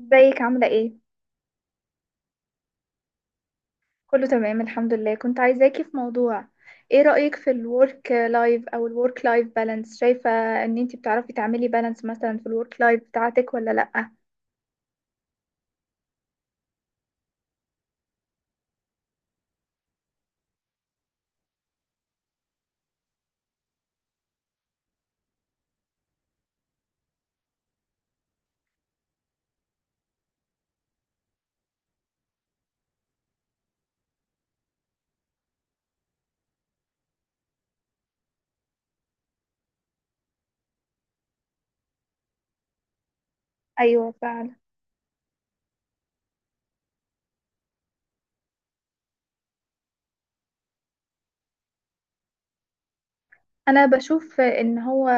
ازيك عاملة ايه؟ كله تمام الحمد لله. كنت عايزاكي في موضوع. ايه رأيك في الورك لايف او الورك لايف بالانس؟ شايفة ان انتي بتعرفي تعملي بالانس مثلا في الورك لايف بتاعتك ولا لأ؟ ايوه، فعلا. انا بشوف ان هو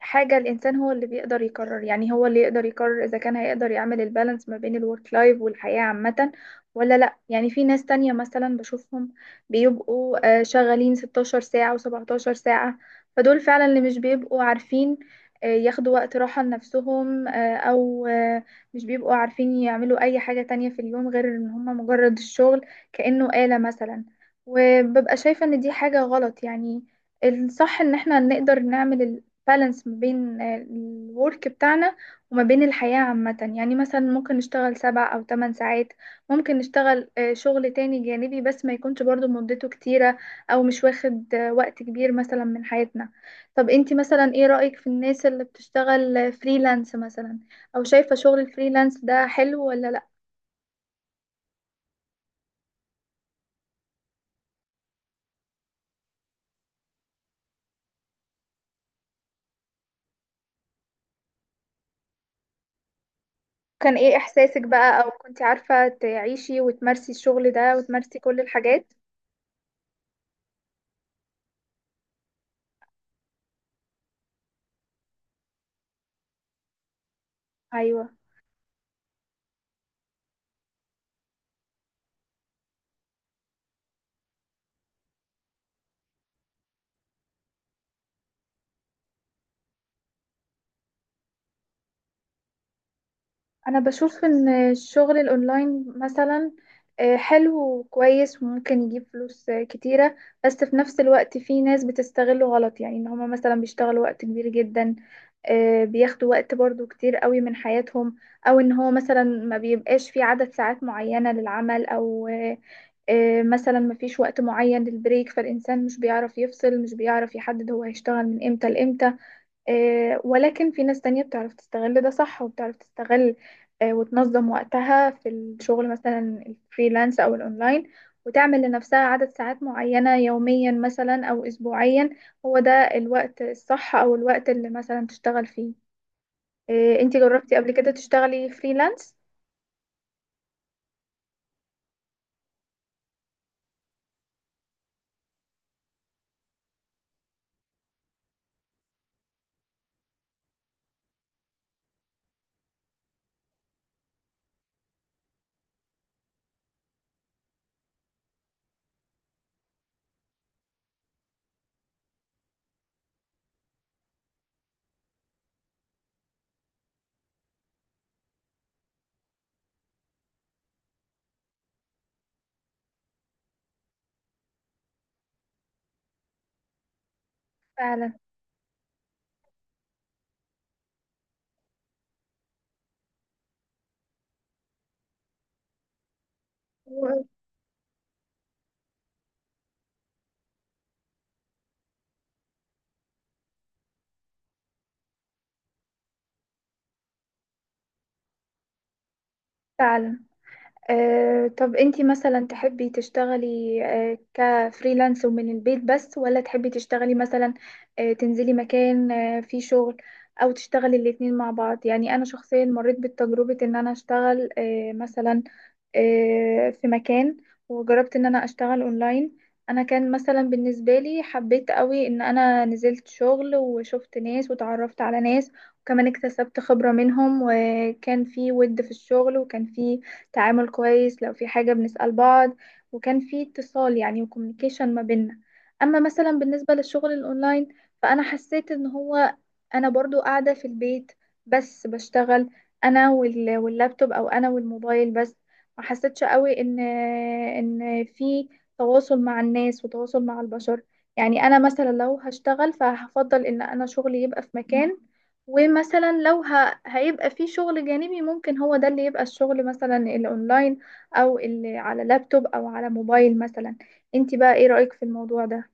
حاجه الانسان هو اللي بيقدر يقرر، يعني هو اللي يقدر يقرر اذا كان هيقدر يعمل البالانس ما بين الورك لايف والحياه عامه ولا لا. يعني في ناس تانية مثلا بشوفهم بيبقوا شغالين 16 ساعه و17 ساعه. فدول فعلا اللي مش بيبقوا عارفين ياخدوا وقت راحه لنفسهم، او مش بيبقوا عارفين يعملوا اي حاجه تانية في اليوم غير ان هم مجرد الشغل، كانه آلة مثلا. وببقى شايفه ان دي حاجه غلط، يعني الصح ان احنا نقدر نعمل البالانس ما بين الورك بتاعنا وما بين الحياة عامة. يعني مثلا ممكن نشتغل 7 أو 8 ساعات، ممكن نشتغل شغل تاني جانبي بس ما يكونش برضو مدته كتيرة، او مش واخد وقت كبير مثلا من حياتنا. طب انتي مثلا ايه رأيك في الناس اللي بتشتغل فريلانس مثلا، او شايفة شغل الفريلانس ده حلو ولا لا؟ كان ايه احساسك بقى، او كنتي عارفة تعيشي وتمارسي الشغل ده وتمارسي كل الحاجات؟ ايوه. انا بشوف ان الشغل الاونلاين مثلا حلو وكويس وممكن يجيب فلوس كتيرة. بس في نفس الوقت في ناس بتستغله غلط، يعني ان هما مثلا بيشتغلوا وقت كبير جدا، بياخدوا وقت برضو كتير قوي من حياتهم. او ان هو مثلا ما بيبقاش في عدد ساعات معينة للعمل او مثلا ما فيش وقت معين للبريك، فالانسان مش بيعرف يفصل، مش بيعرف يحدد هو هيشتغل من امتى لامتى. ولكن في ناس تانية بتعرف تستغل ده صح وبتعرف تستغل وتنظم وقتها في الشغل، مثلا الفريلانس أو الأونلاين، وتعمل لنفسها عدد ساعات معينة يوميا مثلا أو أسبوعيا. هو ده الوقت الصح، أو الوقت اللي مثلا تشتغل فيه. انتي جربتي قبل كده تشتغلي فريلانس؟ فعلا فعلا. طب انتي مثلا تحبي تشتغلي كفريلانس ومن البيت بس، ولا تحبي تشتغلي مثلا تنزلي مكان فيه شغل، او تشتغلي الاتنين مع بعض؟ يعني انا شخصيا مريت بالتجربة ان انا اشتغل مثلا في مكان، وجربت ان انا اشتغل اونلاين. انا كان مثلا بالنسبة لي حبيت قوي ان انا نزلت شغل وشفت ناس وتعرفت على ناس، وكمان اكتسبت خبرة منهم، وكان في ود في الشغل، وكان في تعامل كويس لو في حاجة بنسأل بعض، وكان في اتصال يعني وكوميونيكيشن ما بيننا. اما مثلا بالنسبة للشغل الاونلاين، فانا حسيت ان هو انا برضو قاعدة في البيت بس بشتغل انا واللابتوب، او انا والموبايل بس. ما حسيتش قوي ان ان في تواصل مع الناس وتواصل مع البشر. يعني انا مثلا لو هشتغل فهفضل ان انا شغلي يبقى في مكان، ومثلا لو هيبقى في شغل جانبي ممكن هو ده اللي يبقى الشغل مثلا الاونلاين، او اللي على لابتوب او على موبايل مثلا. انت بقى ايه رأيك في الموضوع ده؟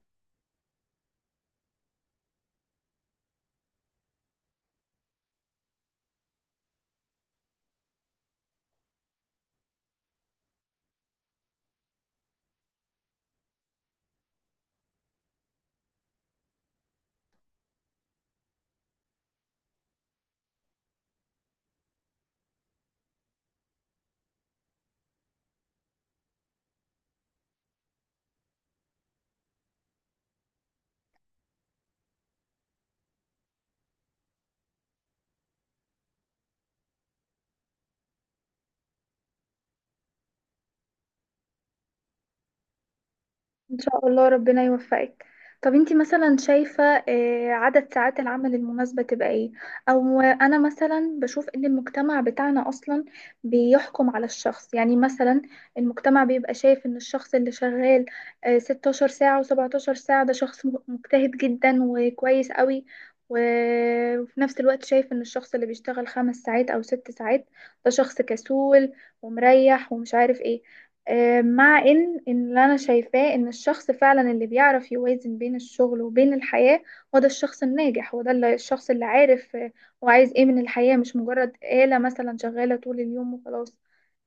ان شاء الله ربنا يوفقك. طب انتي مثلا شايفة عدد ساعات العمل المناسبة تبقى ايه؟ او انا مثلا بشوف ان المجتمع بتاعنا اصلا بيحكم على الشخص، يعني مثلا المجتمع بيبقى شايف ان الشخص اللي شغال 16 ساعة و17 ساعة ده شخص مجتهد جدا وكويس قوي، و- وفي نفس الوقت شايف ان الشخص اللي بيشتغل 5 ساعات او 6 ساعات ده شخص كسول ومريح ومش عارف ايه. مع ان اللي انا شايفاه ان الشخص فعلا اللي بيعرف يوازن بين الشغل وبين الحياة هو ده الشخص الناجح، هو ده الشخص اللي عارف هو عايز ايه من الحياة، مش مجرد آلة مثلا شغالة طول اليوم وخلاص.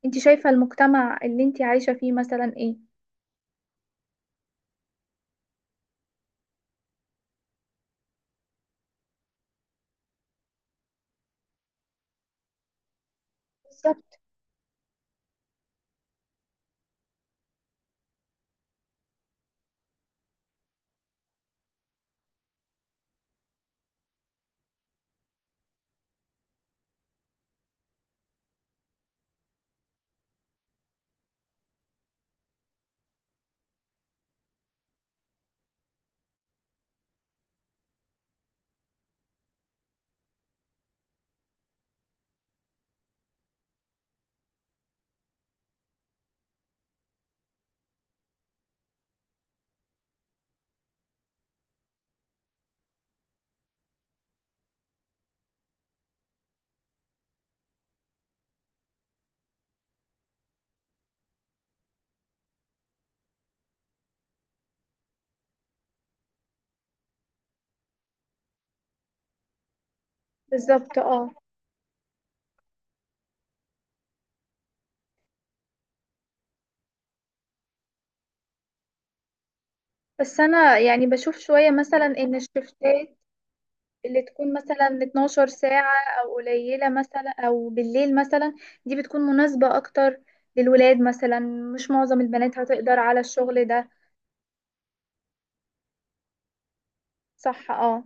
انت شايفة المجتمع اللي انت عايشة فيه مثلا ايه؟ بالظبط، بالظبط، اه. بس انا يعني بشوف شوية مثلا ان الشفتات اللي تكون مثلا 12 ساعة أو قليلة مثلا أو بالليل مثلا، دي بتكون مناسبة أكتر للولاد مثلا، مش معظم البنات هتقدر على الشغل ده. صح، اه.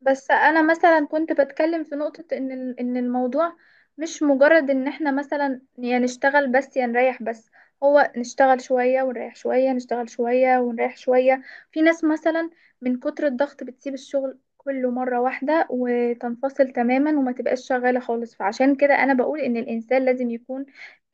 بس انا مثلا كنت بتكلم في نقطة ان الموضوع مش مجرد ان احنا مثلا يا نشتغل بس يا نريح بس، هو نشتغل شوية ونريح شوية، نشتغل شوية ونريح شوية. في ناس مثلا من كتر الضغط بتسيب الشغل كله مرة واحدة وتنفصل تماما وما تبقاش شغالة خالص. فعشان كده انا بقول ان الانسان لازم يكون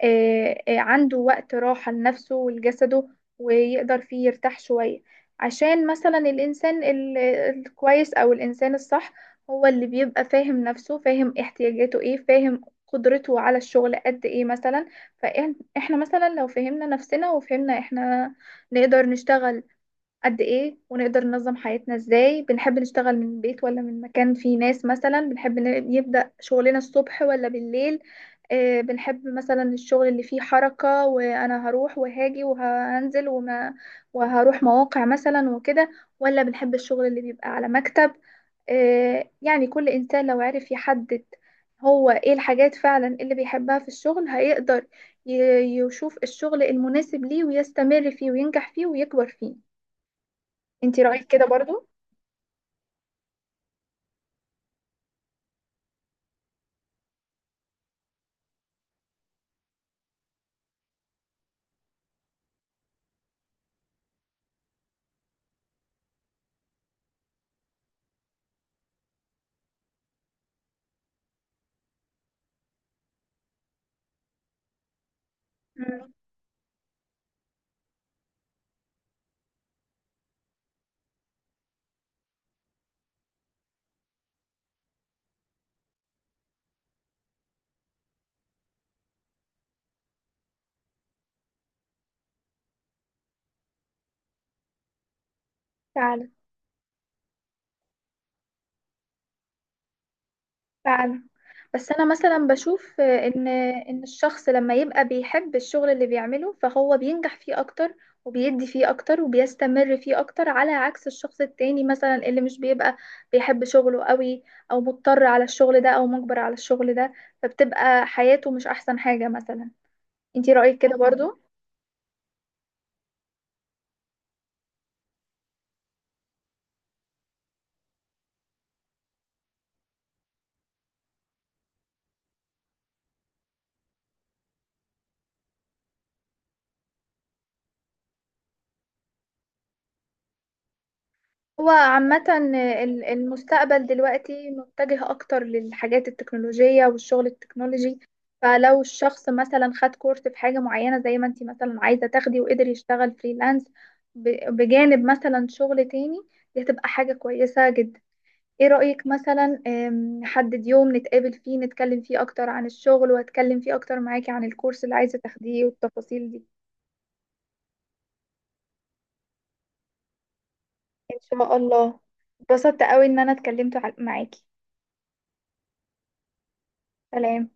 عنده وقت راحة لنفسه ولجسده، ويقدر فيه يرتاح شوية. عشان مثلا الإنسان الكويس أو الإنسان الصح هو اللي بيبقى فاهم نفسه، فاهم احتياجاته ايه، فاهم قدرته على الشغل قد ايه مثلا. فاحنا مثلا لو فهمنا نفسنا وفهمنا احنا نقدر نشتغل قد ايه ونقدر ننظم حياتنا ازاي، بنحب نشتغل من البيت ولا من مكان فيه ناس مثلا، بنحب نبدأ شغلنا الصبح ولا بالليل، بنحب مثلا الشغل اللي فيه حركة وانا هروح وهاجي وهنزل وهروح مواقع مثلا وكده، ولا بنحب الشغل اللي بيبقى على مكتب. يعني كل انسان لو عرف يحدد هو ايه الحاجات فعلا اللي بيحبها في الشغل، هيقدر يشوف الشغل المناسب ليه، ويستمر فيه، وينجح فيه، ويكبر فيه. انتي رأيك كده برضو؟ مم. فعلا فعلا. بس انا مثلا بشوف ان الشخص لما يبقى بيحب الشغل اللي بيعمله فهو بينجح فيه اكتر، وبيدي فيه اكتر، وبيستمر فيه اكتر، على عكس الشخص التاني مثلا اللي مش بيبقى بيحب شغله قوي، او مضطر على الشغل ده، او مجبر على الشغل ده، فبتبقى حياته مش احسن حاجة مثلا. انتي رأيك كده برضو؟ هو عامة المستقبل دلوقتي متجه أكتر للحاجات التكنولوجية والشغل التكنولوجي. فلو الشخص مثلا خد كورس في حاجة معينة زي ما انتي مثلا عايزة تاخدي، وقدر يشتغل فريلانس بجانب مثلا شغل تاني، دي هتبقى حاجة كويسة جدا. ايه رأيك مثلا نحدد يوم نتقابل فيه، نتكلم فيه أكتر عن الشغل، وأتكلم فيه أكتر معاكي عن الكورس اللي عايزة تاخديه والتفاصيل دي؟ إن شاء الله. اتبسطت قوي إن أنا اتكلمت معاكي. سلام.